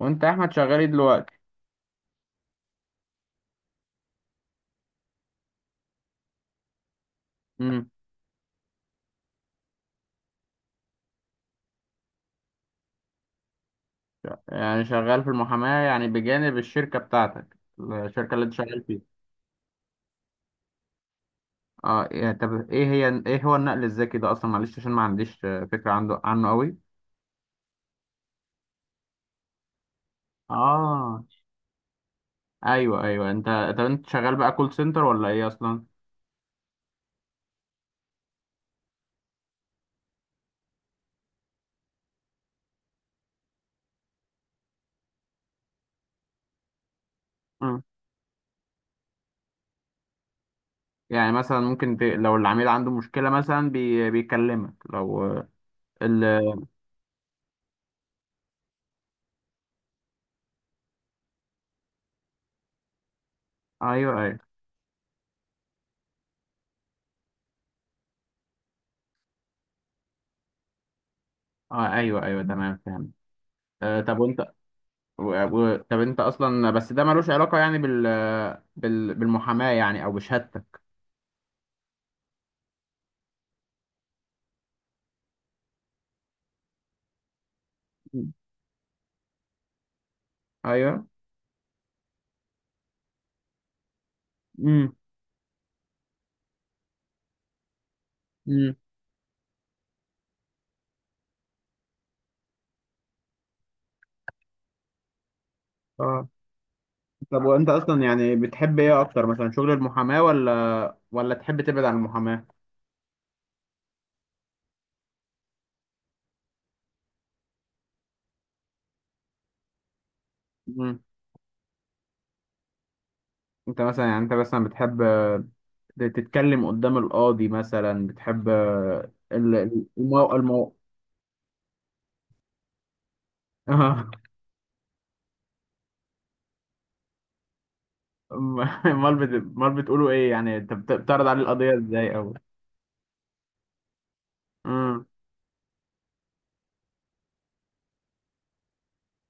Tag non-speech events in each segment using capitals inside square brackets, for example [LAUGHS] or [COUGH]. وانت يا احمد شغال ايه دلوقتي؟ امم. يعني شغال في المحاماة، يعني بجانب الشركة بتاعتك، الشركة اللي انت شغال فيها؟ اه، طب، ايه هو النقل الذكي ده اصلا؟ معلش، عشان ما عنديش فكرة عنه قوي. اه، ايوه ايوه، انت. طب انت شغال بقى كول سنتر ولا ايه اصلا؟ امم. يعني مثلا ممكن لو العميل عنده مشكلة مثلا، بيكلمك لو ال... ايوه ايوه. آه، ايوه ايوه، تمام فهمت. آه طب، وانت طب انت اصلا، بس ده ملوش علاقة يعني بالمحاماة يعني، او بشهادتك؟ ايوه. امم، امم. اه طب، وانت اصلا يعني بتحب ايه اكتر مثلا، شغل المحاماة ولا تحب تبعد عن المحاماة؟ امم. انت مثلا، يعني انت مثلا بتحب تتكلم قدام القاضي مثلا؟ بتحب ال- المو... المو... آه. [LAUGHS] امال بت... امال بتقولوا ايه؟ يعني انت بتعرض عليه القضية ازاي، او؟ امم.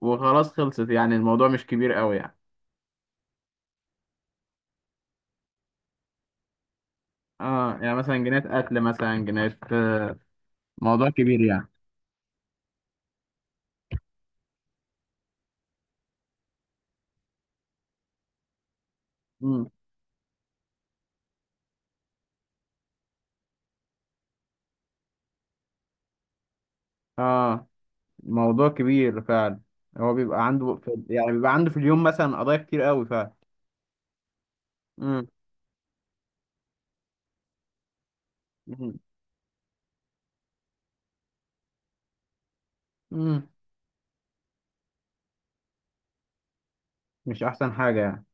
وخلاص خلصت؟ يعني الموضوع مش كبير قوي يعني. اه، يعني مثلا جنيهات اكل، مثلا جنيهات؟ موضوع كبير يعني. امم. اه، موضوع كبير فعلا. هو بيبقى عنده يعني بيبقى عنده في اليوم مثلا قضايا كتير قوي فعلا؟ امم، امم. أمم. مش احسن حاجه يعني؟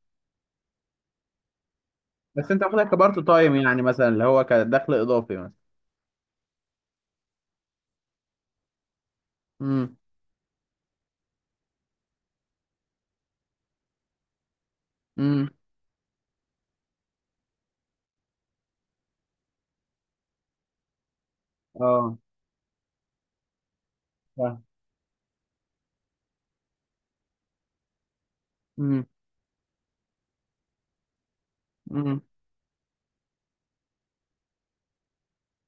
بس انت واخدها كبارت تايم، يعني مثلا اللي هو كدخل اضافي مثلا؟ امم، امم. اه، فاهم. امم، امم.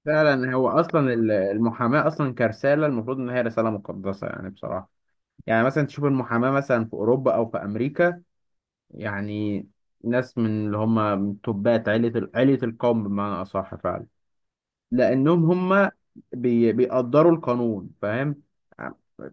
فعلا، هو اصلا المحاماه اصلا كرساله، المفروض ان هي رساله مقدسه يعني بصراحه. يعني مثلا تشوف المحاماه مثلا في اوروبا او في امريكا، يعني ناس من اللي هم، من توبات عيلة القوم بمعنى أصح فعلا. لانهم هم بيقدروا القانون، فاهم؟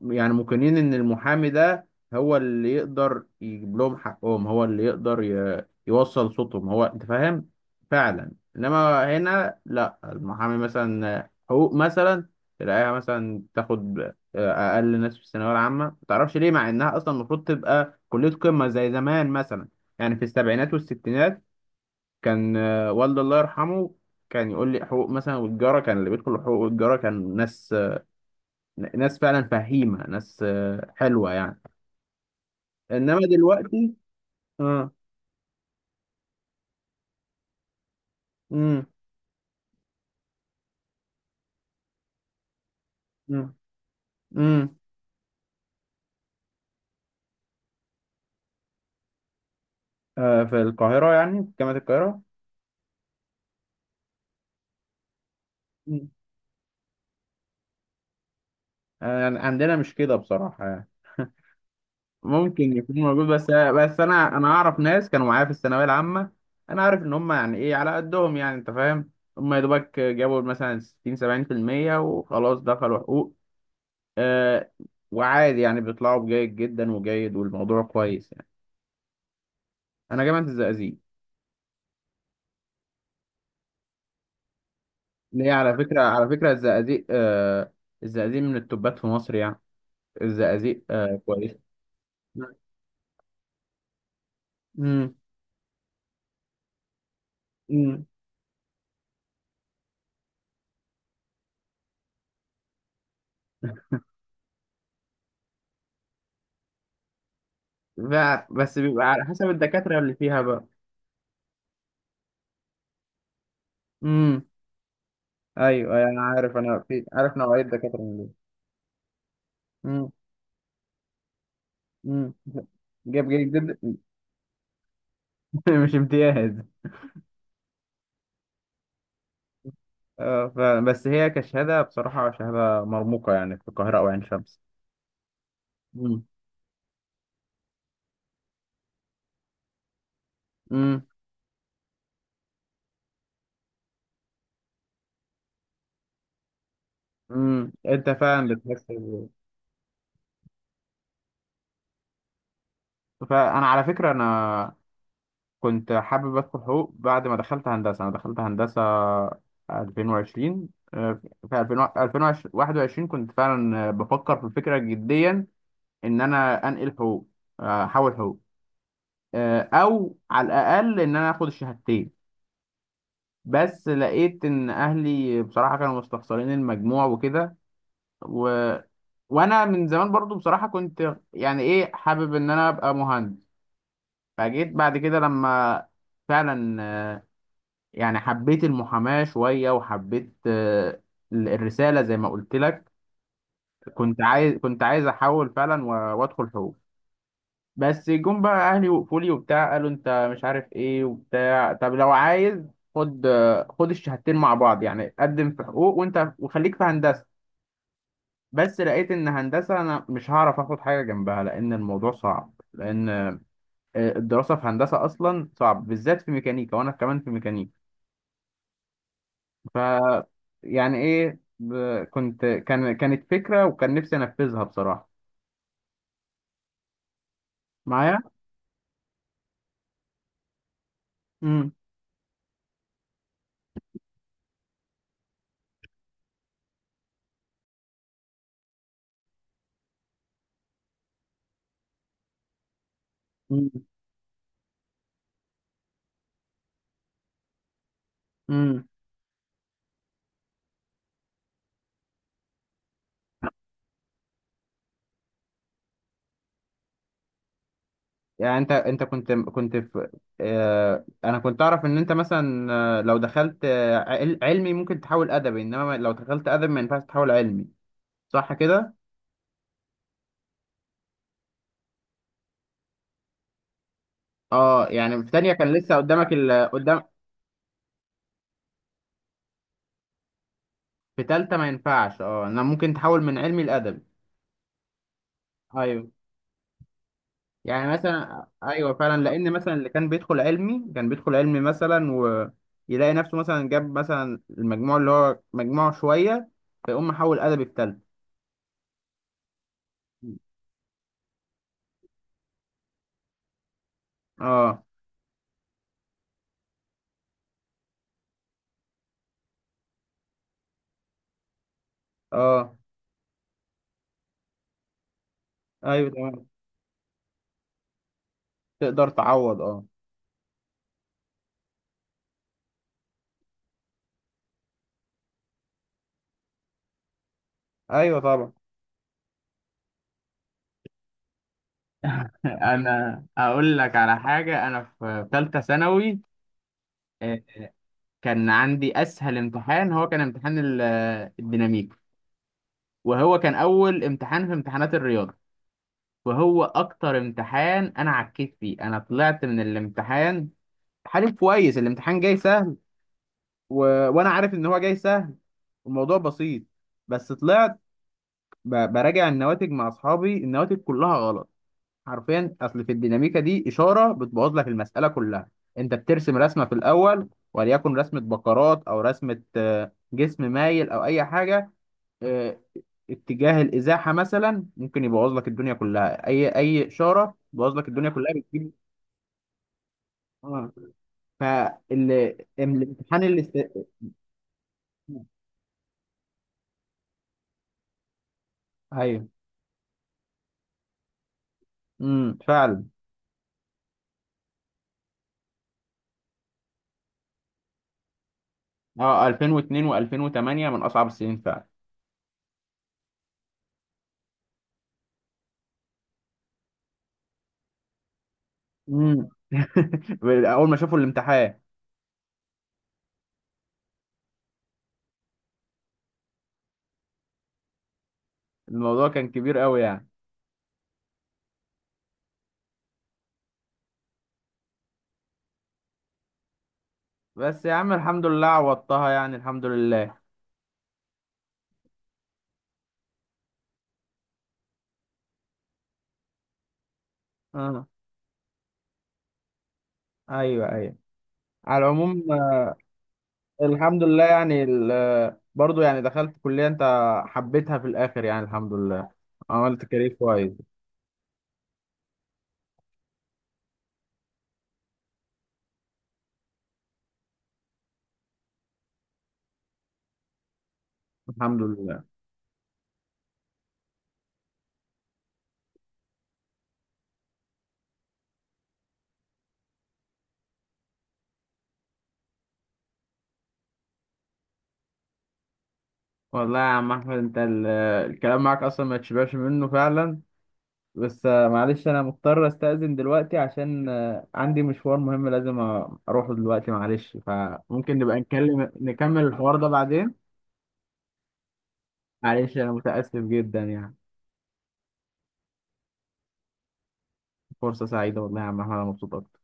يعني مقنين ان المحامي ده هو اللي يقدر يجيب لهم حقهم، هو اللي يقدر يوصل صوتهم، هو، انت فاهم. فعلا، انما هنا لا، المحامي مثلا حقوق مثلا، تلاقيها مثلا تاخد اقل ناس في الثانويه العامه، ما تعرفش ليه، مع انها اصلا المفروض تبقى كليه قمه زي زمان مثلا. يعني في السبعينات والستينات كان والدي الله يرحمه كان يقول لي حقوق مثلا، والجارة كان اللي بيدخل حقوق، والجارة كان ناس ناس فعلا فهيمة، ناس حلوة يعني، انما دلوقتي. اه، امم، امم، امم. في القاهرة يعني، في جامعة القاهرة. مم. يعني عندنا مش كده بصراحة، يعني ممكن يكون موجود، بس انا اعرف ناس كانوا معايا في الثانوية العامة. انا عارف ان هم، يعني ايه، على قدهم، يعني انت فاهم. هم يا دوبك جابوا مثلا 60 70% وخلاص دخلوا حقوق. آه وعادي يعني، بيطلعوا بجيد جدا وجيد، والموضوع كويس يعني. انا جامعة الزقازيق. ليه؟ على فكرة، الزقازيق، الزقازيق من التوبات في مصر يعني. الزقازيق، كويس. امم، امم. بس بيبقى على حسب الدكاترة اللي فيها بقى. امم، ايوه أيوة، انا عارف، انا في، عارف نوعية الدكاترة اللي. امم، امم. جاب جيد جدا. [LAUGHS] مش امتياز. اه، بس هي كشهادة بصراحة شهادة مرموقة يعني، في القاهرة او عين شمس. امم، امم. انت فعلا بتحس فانا على فكره، انا كنت حابب ادخل حقوق. بعد ما دخلت هندسه، انا دخلت هندسه 2020. آه، في 2021 كنت فعلا بفكر في الفكره جديا، ان انا انقل حقوق، احول حقوق، او على الاقل ان انا اخد الشهادتين. بس لقيت ان اهلي بصراحه كانوا مستخسرين المجموع وكده، و... وانا من زمان برضو بصراحه كنت يعني ايه، حابب ان انا ابقى مهندس. فجيت بعد كده لما، فعلا يعني حبيت المحاماة شوية، وحبيت الرسالة زي ما قلت لك. كنت عايز أحول فعلا وأدخل حقوق. بس جم بقى أهلي وقفوا لي وبتاع، قالوا أنت مش عارف إيه وبتاع، طب لو عايز، خد الشهادتين مع بعض، يعني قدم في حقوق، وأنت وخليك في هندسة. بس لقيت إن هندسة أنا مش هعرف آخد حاجة جنبها، لأن الموضوع صعب، لأن الدراسة في هندسة أصلا صعب، بالذات في ميكانيكا، وأنا كمان في ميكانيكا. ف، يعني ايه، ب- كنت كان كانت فكرة، وكان نفسي انفذها بصراحة معايا. امم. مم. امم، يعني انت كنت في، انا كنت اعرف ان انت مثلا، لو دخلت علمي ممكن تحول ادبي، انما لو دخلت ادبي ما ينفعش تحول علمي، صح كده؟ اه، يعني في تانية كان لسه قدامك قدام. في تالتة ما ينفعش، اه. انا ممكن تحول من علمي لادبي. ايوه، يعني مثلا، ايوه فعلا، لان مثلا اللي كان بيدخل علمي مثلا، ويلاقي نفسه مثلا جاب مثلا المجموع اللي هو مجموعه شويه، فيقوم محول ادبي في تالتة. اه اه، ايوه تمام. تقدر تعوض، اه. ايوه طبعا. [LAUGHS] انا اقول لك على حاجه. انا في ثالثه ثانوي آه، كان عندي اسهل امتحان، هو كان امتحان الديناميك، وهو كان اول امتحان في امتحانات الرياضه، وهو اكتر امتحان انا عكيت فيه. انا طلعت من الامتحان حالي كويس، الامتحان جاي سهل، و... وانا عارف ان هو جاي سهل، الموضوع بسيط. بس طلعت براجع النواتج مع اصحابي، النواتج كلها غلط، حرفيا. اصل في الديناميكا دي اشاره بتبوظ لك المساله كلها. انت بترسم رسمه في الاول، وليكن رسمه بقرات او رسمه جسم مايل او اي حاجه، آه، اتجاه الازاحه مثلا ممكن يبوظ لك الدنيا كلها. اي اشاره تبوظ لك الدنيا كلها، بتجيب. اه، فالامتحان اللي ايوه، امم، فعلا، اه، 2002 و2008 من اصعب السنين فعلا. امم. [LAUGHS] اول ما شافوا الامتحان، الموضوع كان كبير قوي يعني. بس يا عم الحمد لله عوضتها يعني، الحمد لله. اه، ايوه ايوه، على العموم الحمد لله، يعني برضو يعني دخلت كلية، انت حبيتها في الاخر، يعني الحمد لله، عملت كارير كويس، الحمد لله. والله يا عم احمد، انت الكلام معاك اصلا ما تشبعش منه فعلا. بس معلش، انا مضطر استأذن دلوقتي عشان عندي مشوار مهم لازم اروحه دلوقتي، معلش، فممكن نبقى نتكلم، نكمل الحوار ده بعدين. معلش انا متأسف جدا يعني. فرصة سعيدة والله يا عم احمد، انا مبسوط اكتر.